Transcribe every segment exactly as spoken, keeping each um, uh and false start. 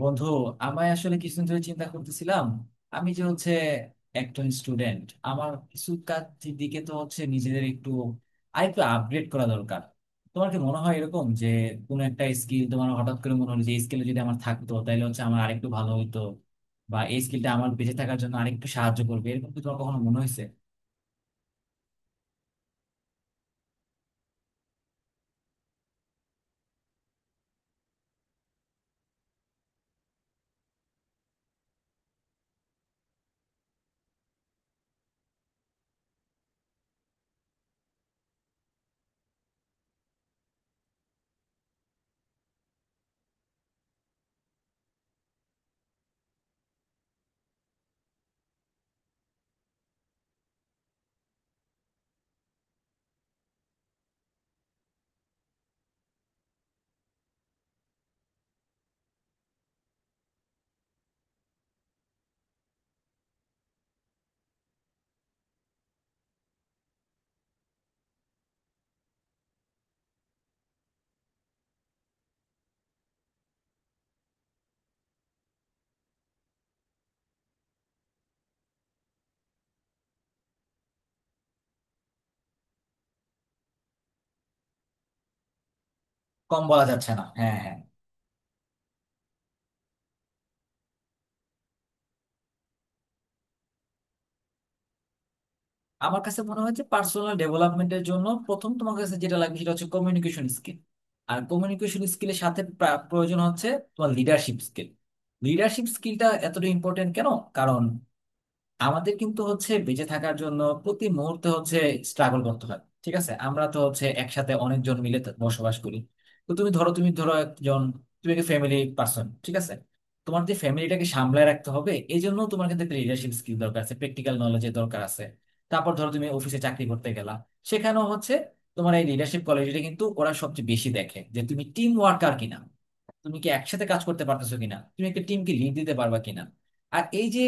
বন্ধু, আমি আসলে কিছুদিন ধরে চিন্তা করতেছিলাম আমি যে হচ্ছে একজন স্টুডেন্ট। আমার কিছু কাজের দিকে তো হচ্ছে নিজেদের একটু আরেকটু আপগ্রেড করা দরকার। তোমার কি মনে হয় এরকম যে কোনো একটা স্কিল তোমার হঠাৎ করে মনে হলো যে স্কিল যদি আমার থাকতো তাহলে হচ্ছে আমার আরেকটু ভালো হইতো, বা এই স্কিলটা আমার বেঁচে থাকার জন্য আরেকটু সাহায্য করবে, এরকম কি তোমার কখনো মনে হয়েছে? কম বলা যাচ্ছে না, হ্যাঁ, হ্যাঁ। আমার কাছে মনে হয় যে পার্সোনাল ডেভেলপমেন্টের জন্য প্রথম তোমার কাছে যেটা লাগবে সেটা হচ্ছে কমিউনিকেশন স্কিল। আর কমিউনিকেশন স্কিলের সাথে প্রা- প্রয়োজন হচ্ছে তোমার লিডারশিপ স্কিল। লিডারশিপ স্কিলটা এতটা ইম্পর্টেন্ট কেন? কারণ আমাদের কিন্তু হচ্ছে বেঁচে থাকার জন্য প্রতি মুহূর্তে হচ্ছে স্ট্রাগল করতে হয়। ঠিক আছে, আমরা তো হচ্ছে একসাথে অনেকজন মিলে তো বসবাস করি। তো তুমি ধরো তুমি ধরো একজন, তুমি একটা ফ্যামিলি পার্সন, ঠিক আছে। তোমার যে ফ্যামিলিটাকে সামলায় রাখতে হবে, এই জন্য তোমার কিন্তু লিডারশিপ স্কিল দরকার আছে, প্র্যাকটিক্যাল নলেজের দরকার আছে। তারপর ধরো তুমি অফিসে চাকরি করতে গেলা, সেখানেও হচ্ছে তোমার এই লিডারশিপ কোয়ালিটিটা কিন্তু ওরা সবচেয়ে বেশি দেখে, যে তুমি টিম ওয়ার্কার কিনা, তুমি কি একসাথে কাজ করতে পারতেছো কিনা, তুমি একটা টিমকে লিড দিতে পারবা কিনা। আর এই যে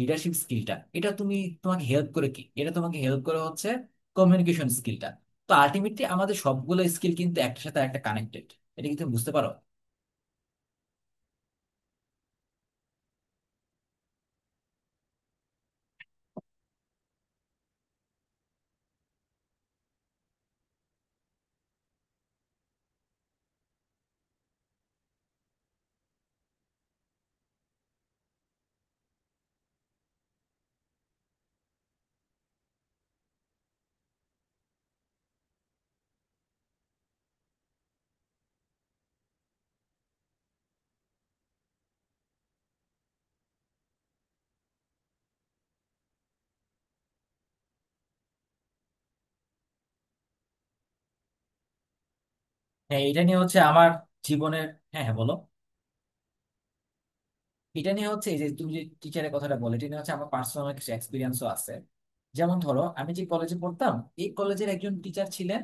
লিডারশিপ স্কিলটা, এটা তুমি, তোমাকে হেল্প করে কি? এটা তোমাকে হেল্প করে হচ্ছে কমিউনিকেশন স্কিলটা। তো আলটিমেটলি আমাদের সবগুলো স্কিল কিন্তু একটার সাথে একটা কানেক্টেড। এটা কি তুমি বুঝতে পারো? হ্যাঁ, এটা নিয়ে হচ্ছে আমার জীবনের, হ্যাঁ হ্যাঁ, বলো। এটা নিয়ে হচ্ছে এই যে তুমি যে টিচারের কথাটা বলে, এটা নিয়ে হচ্ছে আমার পার্সোনাল কিছু এক্সপিরিয়েন্সও আছে। যেমন ধরো, আমি যে কলেজে পড়তাম, এই কলেজের একজন টিচার ছিলেন।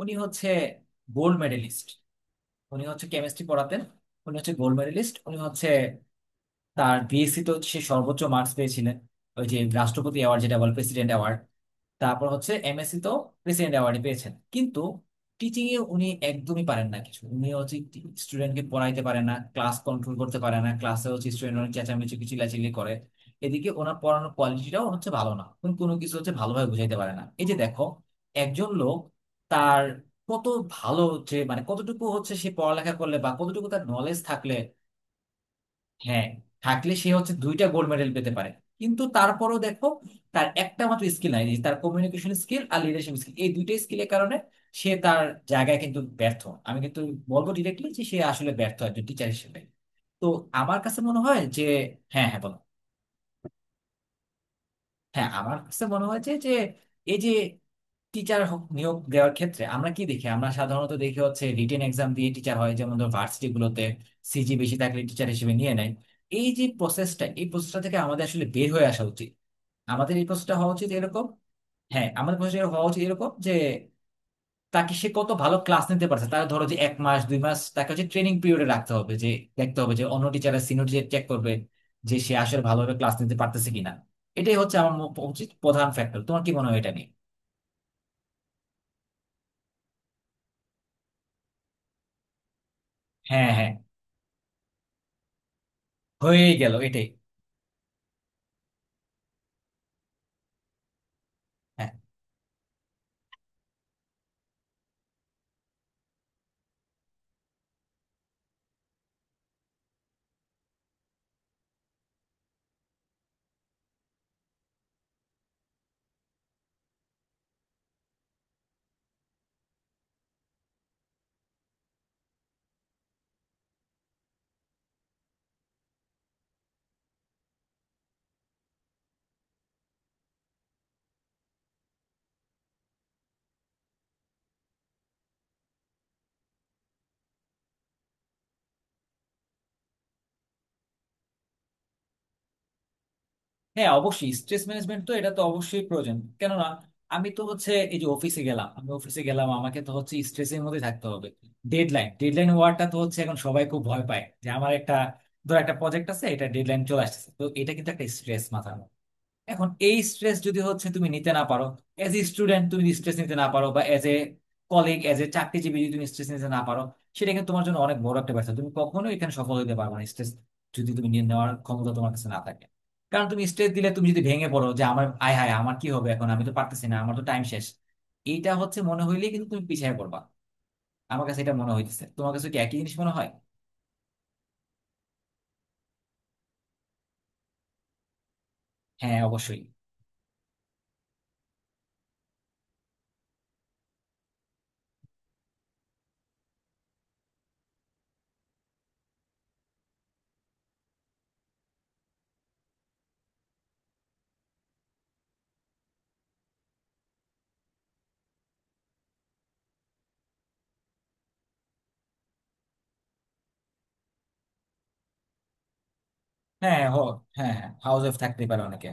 উনি হচ্ছে গোল্ড মেডেলিস্ট, উনি হচ্ছে কেমিস্ট্রি পড়াতেন। উনি হচ্ছে গোল্ড মেডেলিস্ট, উনি হচ্ছে তার বিএসসি তো সে সর্বোচ্চ মার্কস পেয়েছিলেন, ওই যে রাষ্ট্রপতি অ্যাওয়ার্ড, যেটা বলে প্রেসিডেন্ট অ্যাওয়ার্ড। তারপর হচ্ছে এমএসসি তো প্রেসিডেন্ট অ্যাওয়ার্ডে পেয়েছেন। কিন্তু টিচিং এ উনি একদমই পারেন না কিছু। উনি হচ্ছে স্টুডেন্টকে পড়াইতে পারে না, ক্লাস কন্ট্রোল করতে পারে না, ক্লাসে হচ্ছে স্টুডেন্ট অনেক চেঁচামেচি কিছু চিল্লাচিল্লি করে। এদিকে ওনার পড়ানোর কোয়ালিটিটাও হচ্ছে ভালো না, উনি কোনো কিছু হচ্ছে ভালোভাবে বুঝাইতে পারে না। এই যে দেখো, একজন লোক তার কত ভালো, যে মানে কতটুকু হচ্ছে সে পড়ালেখা করলে বা কতটুকু তার নলেজ থাকলে, হ্যাঁ, থাকলে সে হচ্ছে দুইটা গোল্ড মেডেল পেতে পারে। কিন্তু তারপরও দেখো, তার একটা মাত্র স্কিল নাই, তার কমিউনিকেশন স্কিল আর লিডারশিপ স্কিল, এই দুইটা স্কিলের কারণে সে তার জায়গায় কিন্তু ব্যর্থ। আমি কিন্তু বলবো ডিরেক্টলি যে সে আসলে ব্যর্থ একজন টিচার হিসেবে। তো আমার কাছে মনে হয় যে, হ্যাঁ হ্যাঁ, বলো। হ্যাঁ, আমার কাছে মনে হয় যে যে এই যে টিচার নিয়োগ দেওয়ার ক্ষেত্রে আমরা কি দেখি? আমরা সাধারণত দেখি হচ্ছে রিটেন এক্সাম দিয়ে টিচার হয়। যেমন ধর ভার্সিটি গুলোতে সিজি বেশি থাকলে টিচার হিসেবে নিয়ে নেয়। এই যে প্রসেসটা, এই প্রসেসটা থেকে আমাদের আসলে বের হয়ে আসা উচিত। আমাদের এই প্রসেসটা হওয়া উচিত এরকম। হ্যাঁ, আমাদের প্রসেসটা হওয়া উচিত এরকম যে তাকে, সে কত ভালো ক্লাস নিতে পারছে, তার ধরো যে এক মাস দুই মাস তাকে হচ্ছে ট্রেনিং পিরিয়ডে রাখতে হবে, যে দেখতে হবে যে অন্য টিচাররা, সিনিয়র টিচার চেক করবে যে সে আসলে ভালোভাবে ক্লাস নিতে পারতেছে কিনা। এটাই হচ্ছে আমার ম- উচিত প্রধান ফ্যাক্টর। তোমার কি মনে হয় এটা নিয়ে? হ্যাঁ হ্যাঁ, হয়ে গেল, এটাই। হ্যাঁ হ্যাঁ, অবশ্যই স্ট্রেস ম্যানেজমেন্ট তো, এটা তো অবশ্যই প্রয়োজন। কেননা আমি তো হচ্ছে এই যে অফিসে গেলাম, আমি অফিসে গেলাম, আমাকে তো হচ্ছে স্ট্রেসের মধ্যে থাকতে হবে। ডেডলাইন, ডেডলাইন ওয়ার্ডটা তো হচ্ছে এখন সবাই খুব ভয় পায়, যে আমার একটা, ধর একটা প্রজেক্ট আছে, এটা ডেডলাইন চলে আসছে, তো এটা কিন্তু একটা স্ট্রেস মাথার। এখন এই স্ট্রেস যদি হচ্ছে তুমি নিতে না পারো, এজ এ স্টুডেন্ট তুমি স্ট্রেস নিতে না পারো, বা as a colleague, as a চাকরিজীবী যদি তুমি স্ট্রেস নিতে না পারো, সেটা কিন্তু তোমার জন্য অনেক বড় একটা ব্যর্থ। তুমি কখনোই এখানে সফল হতে পারবে না, স্ট্রেস যদি তুমি নিয়ে নেওয়ার ক্ষমতা তোমার কাছে না থাকে। কারণ তুমি স্ট্রেস দিলে, তুমি যদি ভেঙে পড়ো, যে আমার আয় হায়, আমার কি হবে এখন, আমি তো পারতেছি না, আমার তো টাইম শেষ, এইটা হচ্ছে মনে হইলেই কিন্তু তুমি পিছিয়ে পড়বা। আমার কাছে এটা মনে হইতেছে, তোমার কাছে কি একই জিনিস মনে হয়? হ্যাঁ, অবশ্যই। হ্যাঁ, হ। হ্যাঁ হ্যাঁ, হাউস ওয়াইফ থাকতেই পারে অনেকে।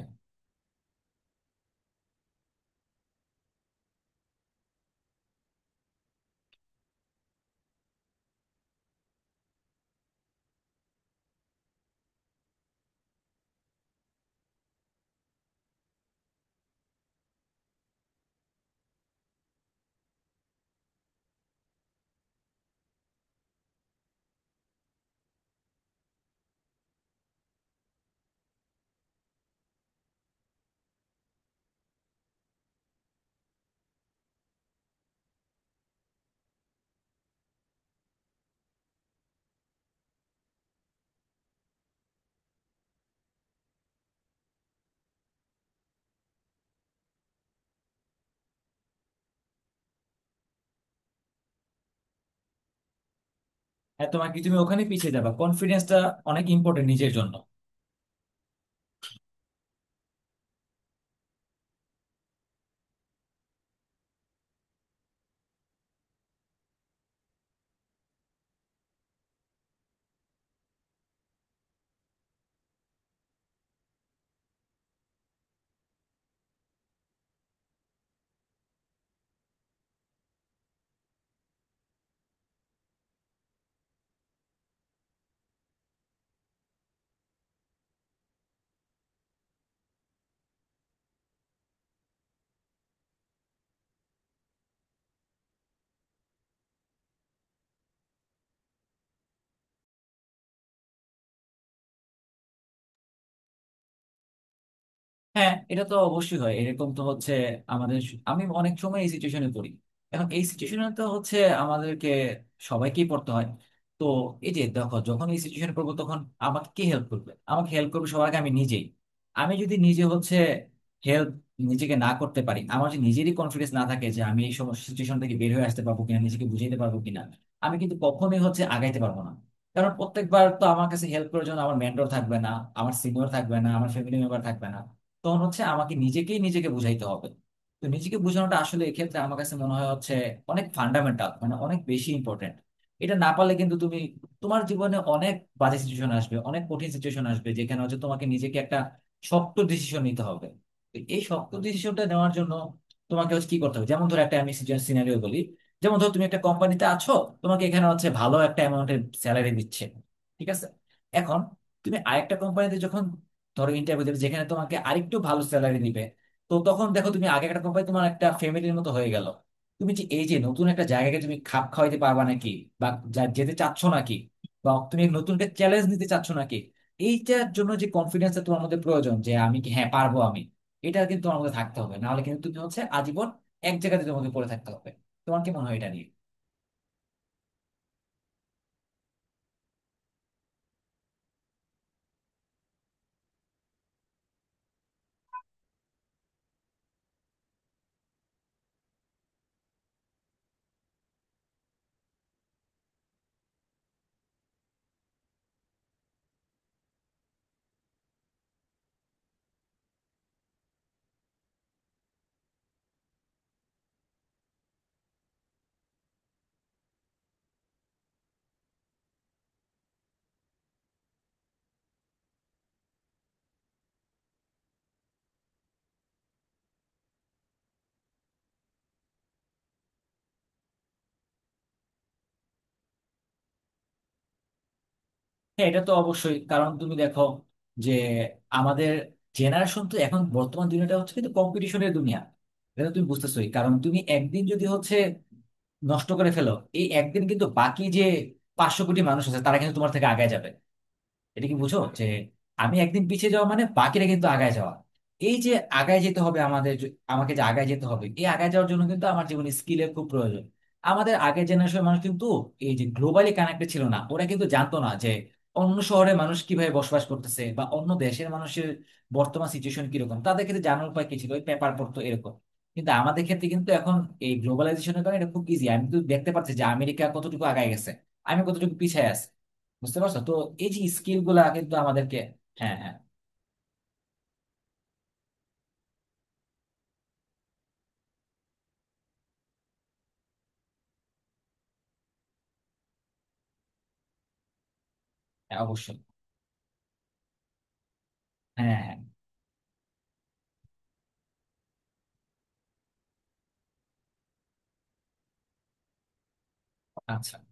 হ্যাঁ, তোমার কি, তুমি ওখানে পিছিয়ে যাবা, কনফিডেন্সটা অনেক ইম্পর্টেন্ট নিজের জন্য। হ্যাঁ, এটা তো অবশ্যই হয় এরকম, তো হচ্ছে আমাদের, আমি অনেক সময় এই সিচুয়েশনে পড়ি। এখন এই সিচুয়েশনে তো হচ্ছে আমাদেরকে সবাইকেই পড়তে হয়। তো এই যে দেখো, যখন এই সিচুয়েশনে পড়বো তখন আমাকে কে হেল্প করবে? আমাকে হেল্প করবে সবার আগে আমি নিজেই। আমি যদি নিজে হচ্ছে হেল্প নিজেকে না করতে পারি, আমার যদি নিজেরই কনফিডেন্স না থাকে যে আমি এই সমস্ত সিচুয়েশন থেকে বের হয়ে আসতে পারবো কিনা, নিজেকে বুঝাইতে পারবো কিনা, আমি কিন্তু কখনোই হচ্ছে আগাইতে পারবো না। কারণ প্রত্যেকবার তো আমার কাছে হেল্প করার জন্য আমার মেন্টর থাকবে না, আমার সিনিয়র থাকবে না, আমার ফ্যামিলি মেম্বার থাকবে না। তখন হচ্ছে আমাকে নিজেকেই নিজেকে বুঝাইতে হবে। তো নিজেকে বোঝানোটা আসলে এক্ষেত্রে আমার কাছে মনে হয় হচ্ছে অনেক ফান্ডামেন্টাল, মানে অনেক বেশি ইম্পর্টেন্ট। এটা না পারলে কিন্তু তুমি, তোমার জীবনে অনেক বাজে সিচুয়েশন আসবে, অনেক কঠিন সিচুয়েশন আসবে, যেখানে হচ্ছে তোমাকে নিজেকে একটা শক্ত ডিসিশন নিতে হবে। তো এই শক্ত ডিসিশনটা নেওয়ার জন্য তোমাকে হচ্ছে কি করতে হবে, যেমন ধরো একটা, আমি সিনারিও বলি। যেমন ধরো তুমি একটা কোম্পানিতে আছো, তোমাকে এখানে হচ্ছে ভালো একটা অ্যামাউন্টের স্যালারি দিচ্ছে, ঠিক আছে। এখন তুমি আরেকটা কোম্পানিতে যখন ধরো ইন্টারভিউ দেবে, যেখানে তোমাকে আরেকটু ভালো স্যালারি দিবে। তো তখন দেখো, তুমি আগে একটা কোম্পানি তোমার একটা ফ্যামিলির মতো হয়ে গেল, তুমি যে এই যে নতুন একটা জায়গাকে তুমি খাপ খাওয়াইতে পারবা নাকি, বা যা- যেতে চাচ্ছ নাকি, বা তুমি নতুন একটা চ্যালেঞ্জ নিতে চাচ্ছ নাকি, এইটার জন্য যে কনফিডেন্সটা তোমার মধ্যে প্রয়োজন, যে আমি কি, হ্যাঁ পারবো আমি, এটা কিন্তু তোমার মধ্যে থাকতে হবে, নাহলে কিন্তু তুমি হচ্ছে আজীবন এক জায়গাতে তোমাকে পড়ে থাকতে হবে। তোমার কি মনে হয় এটা নিয়ে? হ্যাঁ, এটা তো অবশ্যই, কারণ তুমি দেখো যে আমাদের জেনারেশন তো, এখন বর্তমান দুনিয়াটা হচ্ছে কিন্তু কম্পিটিশনের দুনিয়া। এটা তো তুমি বুঝতেছোই, কারণ তুমি একদিন যদি হচ্ছে নষ্ট করে ফেলো, এই একদিন কিন্তু বাকি যে পাঁচশো কোটি মানুষ আছে তারা কিন্তু তোমার থেকে আগায় যাবে। এটা কি বুঝো যে আমি একদিন পিছিয়ে যাওয়া মানে বাকিরা কিন্তু আগায় যাওয়া। এই যে আগায় যেতে হবে আমাদের, জ- আমাকে যে আগায় যেতে হবে, এই আগায় যাওয়ার জন্য কিন্তু আমার জীবনে স্কিলের খুব প্রয়োজন। আমাদের আগের জেনারেশনের মানুষ কিন্তু এই যে গ্লোবালি কানেক্টেড ছিল না, ওরা কিন্তু জানতো না যে অন্য শহরে মানুষ কিভাবে বসবাস করতেছে, বা অন্য দেশের মানুষের বর্তমান সিচুয়েশন কিরকম, তাদের ক্ষেত্রে জানার উপায় কি ছিল, ওই পেপার পড়তো এরকম। কিন্তু আমাদের ক্ষেত্রে কিন্তু এখন এই গ্লোবালাইজেশনের কারণে এটা খুব ইজি। আমি কিন্তু দেখতে পাচ্ছি যে আমেরিকা কতটুকু আগায় গেছে, আমি কতটুকু পিছিয়ে আছি, বুঝতে পারছো তো? এই যে স্কিল গুলা কিন্তু আমাদেরকে, হ্যাঁ হ্যাঁ। হ্যাঁ, অবশ্যই। হ্যাঁ হ্যাঁ। আচ্ছা।